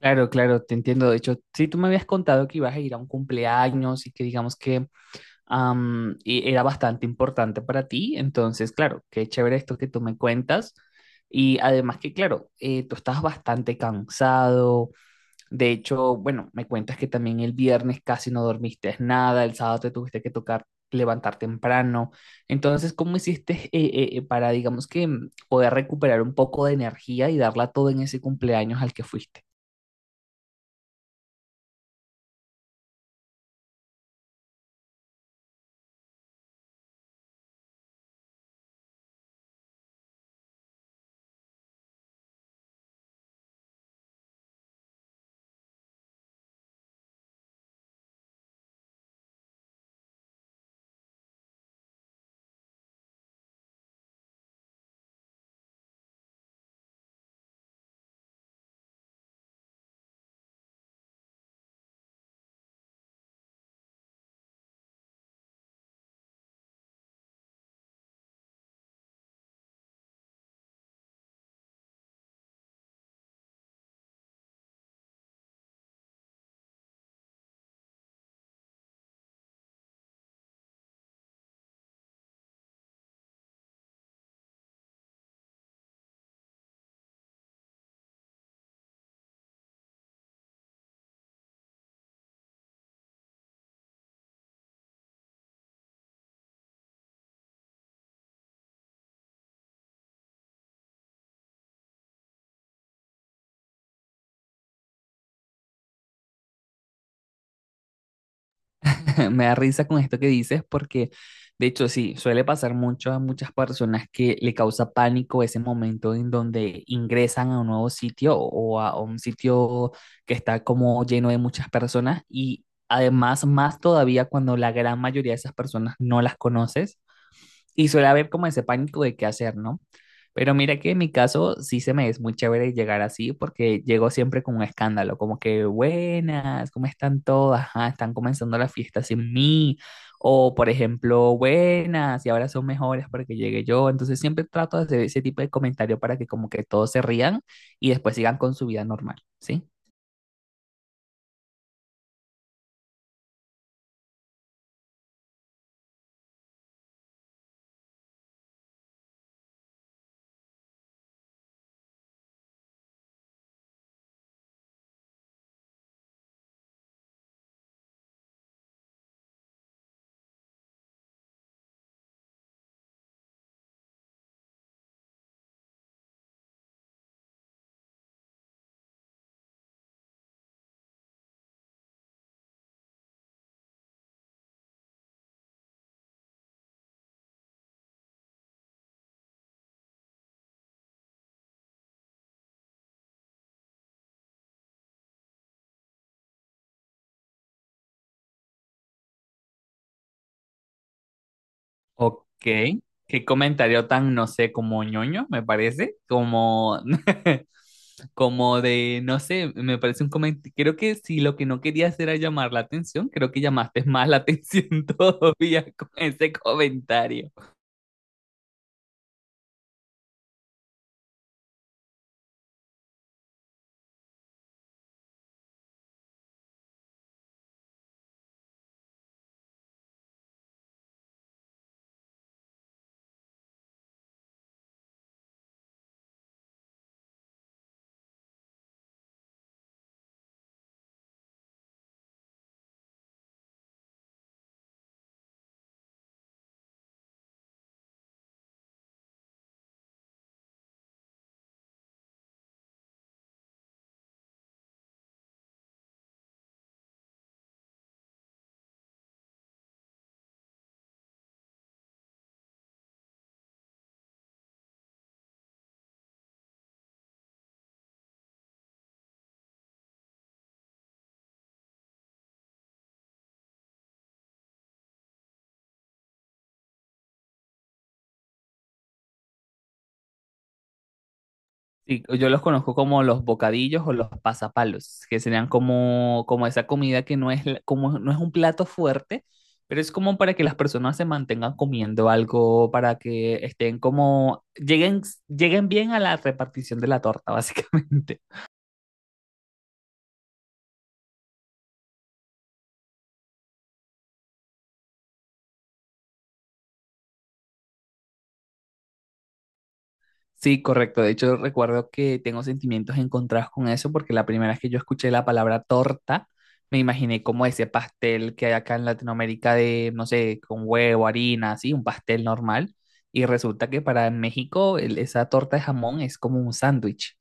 Claro, claro, te entiendo. De hecho, sí, tú me habías contado que ibas a ir a un cumpleaños y que digamos que y era bastante importante para ti. Entonces, claro, qué chévere esto que tú me cuentas. Y además que, claro, tú estás bastante cansado. De hecho, bueno, me cuentas que también el viernes casi no dormiste nada, el sábado te tuviste que tocar levantar temprano. Entonces, ¿cómo hiciste para, digamos que, poder recuperar un poco de energía y darla todo en ese cumpleaños al que fuiste? Me da risa con esto que dices porque, de hecho, sí, suele pasar mucho a muchas personas que le causa pánico ese momento en donde ingresan a un nuevo sitio o a un sitio que está como lleno de muchas personas y además más todavía cuando la gran mayoría de esas personas no las conoces y suele haber como ese pánico de qué hacer, ¿no? Pero mira que en mi caso sí se me es muy chévere llegar así porque llego siempre con un escándalo, como que buenas, ¿cómo están todas? Ah, están comenzando la fiesta sin mí. O por ejemplo, buenas, y ahora son mejores porque llegué yo. Entonces siempre trato de hacer ese tipo de comentario para que como que todos se rían y después sigan con su vida normal, ¿sí? Ok, qué comentario tan, no sé, como ñoño, me parece, como, como de, no sé, me parece un comentario, creo que si lo que no querías era llamar la atención, creo que llamaste más la atención todavía con ese comentario. Sí, yo los conozco como los bocadillos o los pasapalos, que serían como, como esa comida que no es, la- como, no es un plato fuerte, pero es como para que las personas se mantengan comiendo algo, para que estén como, lleguen, lleguen bien a la repartición de la torta, básicamente. Sí, correcto. De hecho, recuerdo que tengo sentimientos encontrados con eso porque la primera vez que yo escuché la palabra torta, me imaginé como ese pastel que hay acá en Latinoamérica de, no sé, con huevo, harina, así, un pastel normal. Y resulta que para México el- esa torta de jamón es como un sándwich.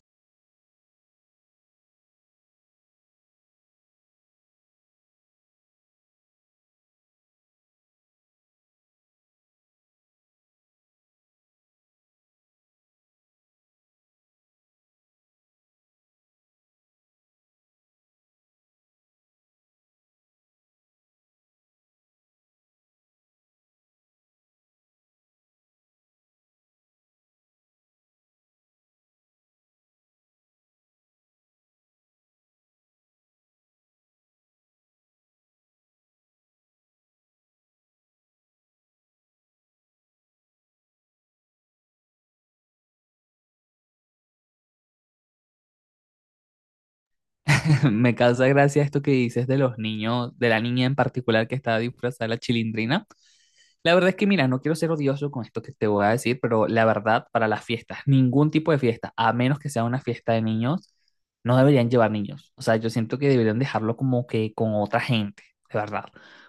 Me causa gracia esto que dices de los niños, de la niña en particular que estaba disfrazada de la chilindrina. La verdad es que, mira, no quiero ser odioso con esto que te voy a decir, pero la verdad, para las fiestas, ningún tipo de fiesta, a menos que sea una fiesta de niños, no deberían llevar niños. O sea, yo siento que deberían dejarlo como que con otra gente, de verdad.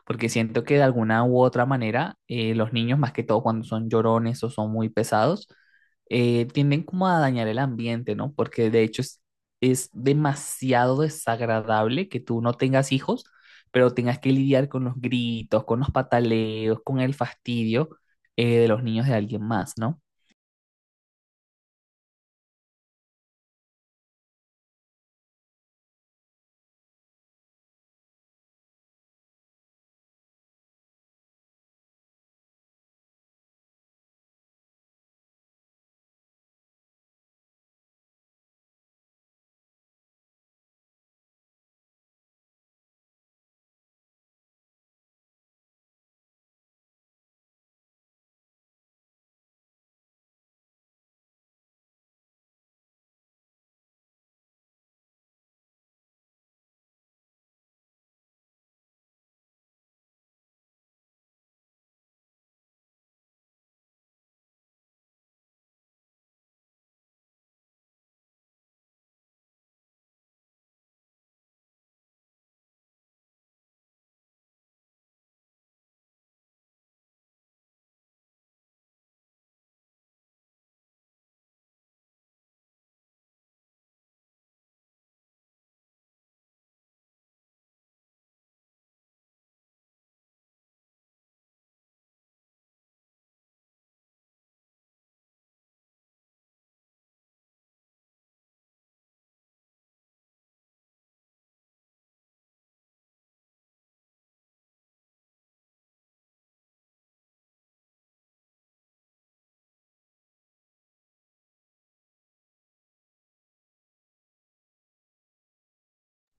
Porque siento que de alguna u otra manera, los niños, más que todo cuando son llorones o son muy pesados, tienden como a dañar el ambiente, ¿no? Porque de hecho es demasiado desagradable que tú no tengas hijos, pero tengas que lidiar con los gritos, con los pataleos, con el fastidio de los niños de alguien más, ¿no?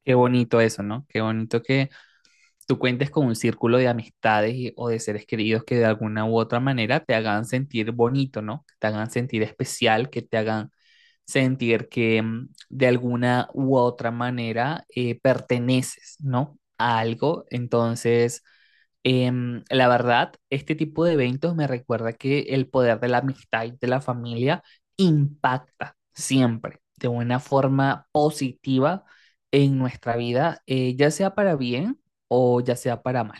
Qué bonito eso, ¿no? Qué bonito que tú cuentes con un círculo de amistades y- o de seres queridos que de alguna u otra manera te hagan sentir bonito, ¿no? Que te hagan sentir especial, que te hagan sentir que de alguna u otra manera perteneces, ¿no? A algo. Entonces, la verdad, este tipo de eventos me recuerda que el poder de la amistad y de la familia impacta siempre de una forma positiva en nuestra vida, ya sea para bien o ya sea para mal.